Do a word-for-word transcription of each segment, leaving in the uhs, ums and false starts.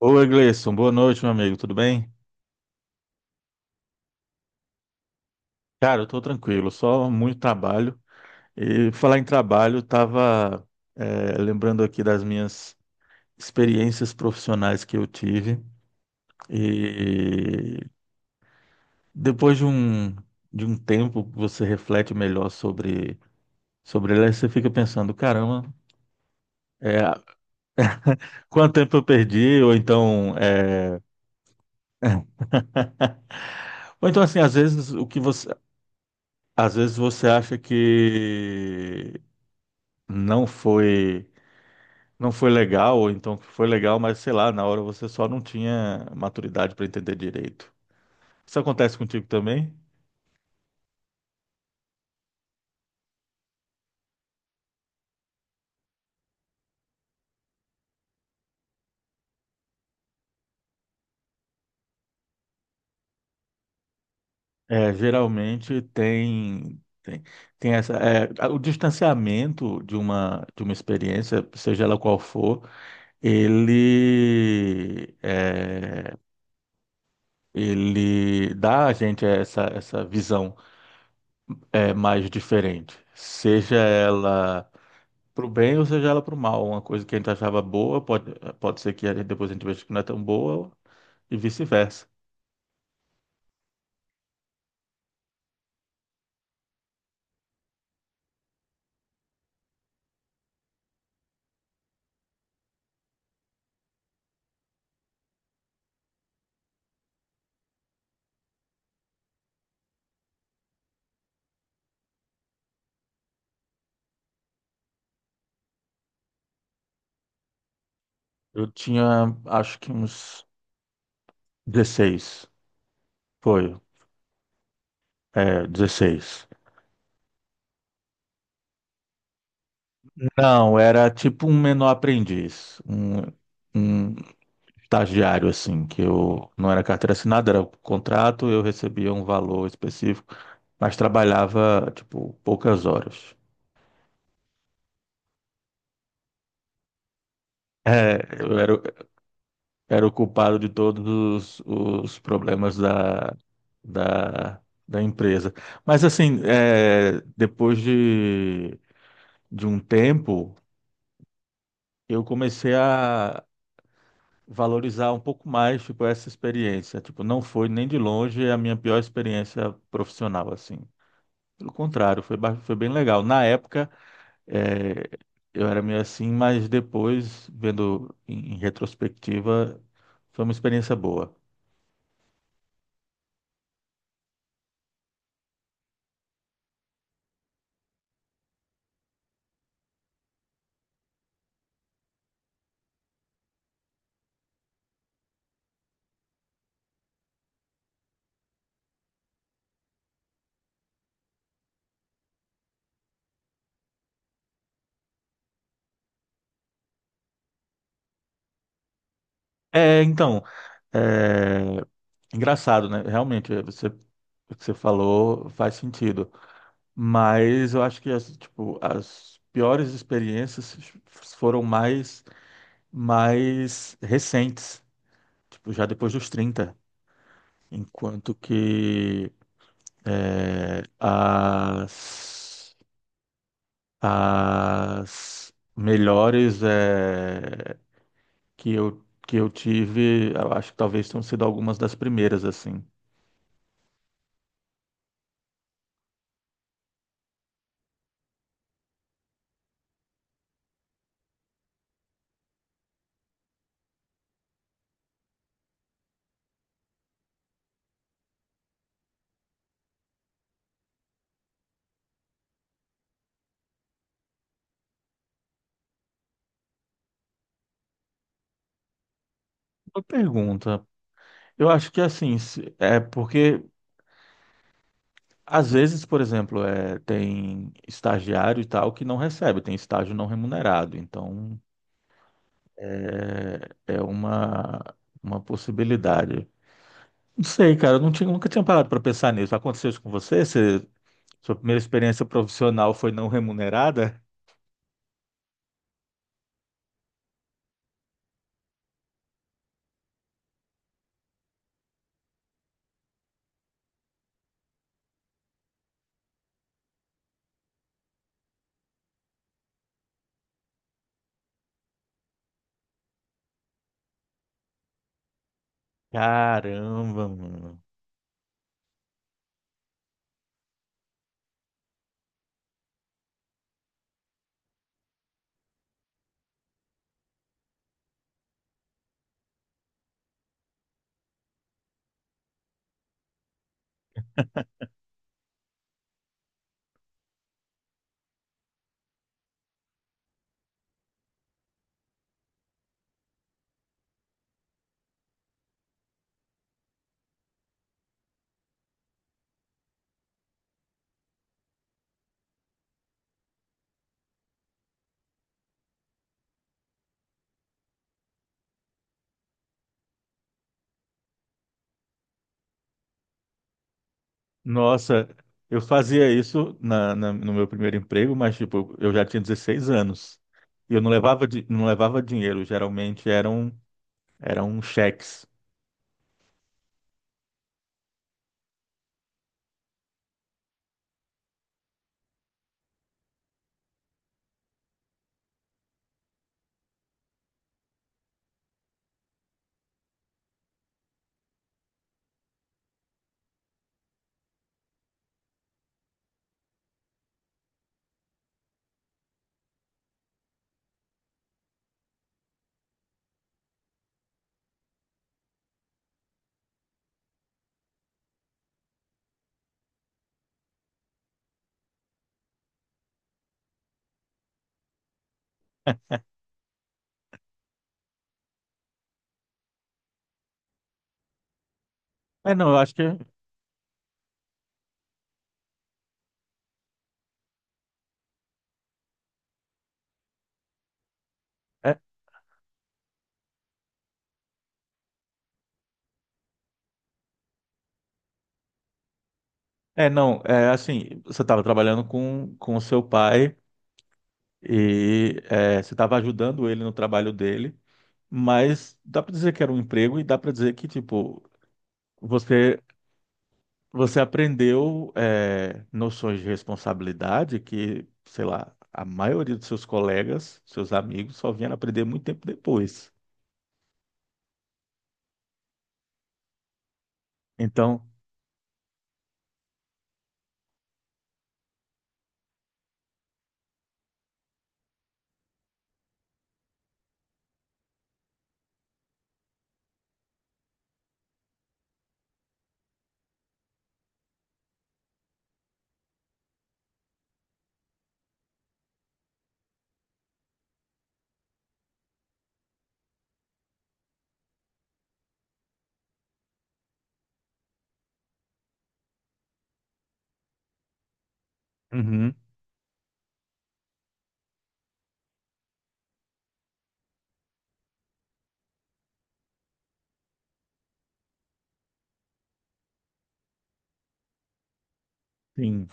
Oi, Gleison. Boa noite, meu amigo. Tudo bem? Cara, eu tô tranquilo, só muito trabalho. E falar em trabalho, eu tava eh, lembrando aqui das minhas experiências profissionais que eu tive. E depois de um, de um tempo, você reflete melhor sobre, sobre ela, e você fica pensando, caramba, eh, quanto tempo eu perdi? Ou então, eh, ou então assim, às vezes o que você, às vezes você acha que não foi não foi legal, ou então que foi legal, mas sei lá, na hora você só não tinha maturidade para entender direito. Isso acontece contigo também? É, geralmente tem tem, tem essa é, o distanciamento de uma de uma experiência, seja ela qual for, ele é, ele dá a gente essa essa visão é, mais diferente, seja ela pro bem ou seja ela pro mal. Uma coisa que a gente achava boa, pode, pode ser que a gente, depois a gente veja que não é tão boa, e vice-versa. Eu tinha, acho que uns dezesseis. Foi. É, dezesseis. Não, era tipo um menor aprendiz. Um, um estagiário, assim, que eu não era carteira assinada, era contrato, eu recebia um valor específico, mas trabalhava, tipo, poucas horas. É, eu era, era o culpado de todos os, os problemas da, da, da empresa. Mas assim, é, depois de, de um tempo, eu comecei a valorizar um pouco mais, tipo, essa experiência. Tipo, não foi nem de longe a minha pior experiência profissional, assim. Pelo contrário, foi, ba- foi bem legal. Na época, é, eu era meio assim, mas depois, vendo em em retrospectiva, foi uma experiência boa. É, então, é, engraçado, né? Realmente, é, você, o que você falou faz sentido. Mas eu acho que as, tipo, as piores experiências foram mais, mais recentes, tipo, já depois dos trinta, enquanto que é, as, as melhores é, que eu, que eu tive, eu acho que talvez tenham sido algumas das primeiras, assim. Uma pergunta. Eu acho que assim, se- é porque às vezes, por exemplo, é, tem estagiário e tal que não recebe, tem estágio não remunerado. Então é, é uma, uma possibilidade. Não sei, cara, eu não tinha, nunca tinha parado para pensar nisso. Aconteceu isso com você? Você- Sua primeira experiência profissional foi não remunerada? Caramba, mano. Nossa, eu fazia isso na, na- no meu primeiro emprego, mas tipo, eu já tinha dezesseis anos. E eu não levava, di- não levava dinheiro, geralmente eram, eram cheques. É, não, eu acho que. É, é não, é assim, você estava trabalhando com, com o seu pai e é, você estava ajudando ele no trabalho dele, mas dá para dizer que era um emprego e dá para dizer que, tipo, você. Você aprendeu eh, noções de responsabilidade que, sei lá, a maioria dos seus colegas, seus amigos, só vieram aprender muito tempo depois. Então. Uhum. Sim.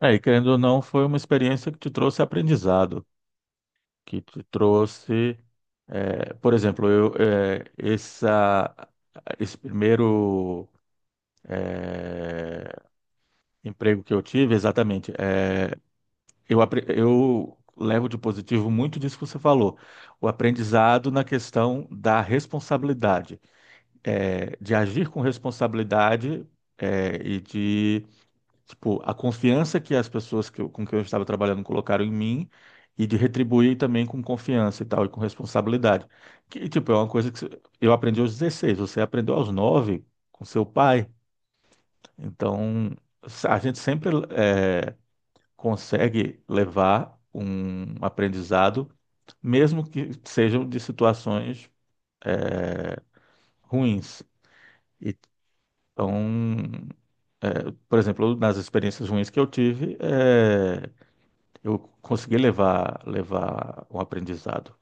É, e querendo ou não, foi uma experiência que te trouxe aprendizado, que te trouxe, eh, por exemplo, eu, eh, essa, esse primeiro eh, emprego que eu tive, exatamente. eh, Eu, apre- eu levo de positivo muito disso que você falou, o aprendizado na questão da responsabilidade, é, de agir com responsabilidade, é, e de, tipo, a confiança que as pessoas que eu- com quem eu estava trabalhando colocaram em mim e de retribuir também com confiança e tal, e com responsabilidade. Que, tipo, é uma coisa que você- eu aprendi aos dezesseis, você aprendeu aos nove com seu pai, então a gente sempre, é, consegue levar um aprendizado, mesmo que sejam de situações ruins. Então, é, por exemplo, nas experiências ruins que eu tive, é, eu consegui levar, levar um aprendizado.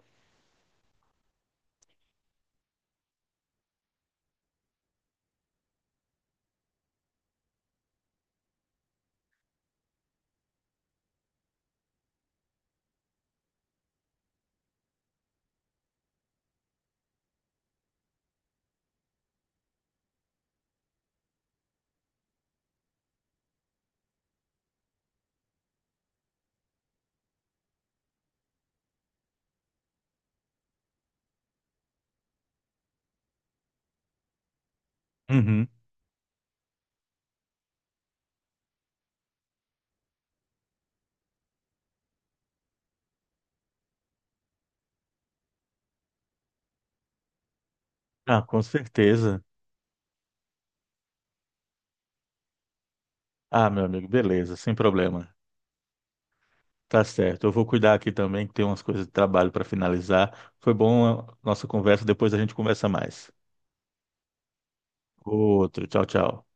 Uhum. Ah, com certeza. Ah, meu amigo, beleza, sem problema. Tá certo. Eu vou cuidar aqui também, que tem umas coisas de trabalho para finalizar. Foi bom a nossa conversa, depois a gente conversa mais. Outro, tchau, tchau.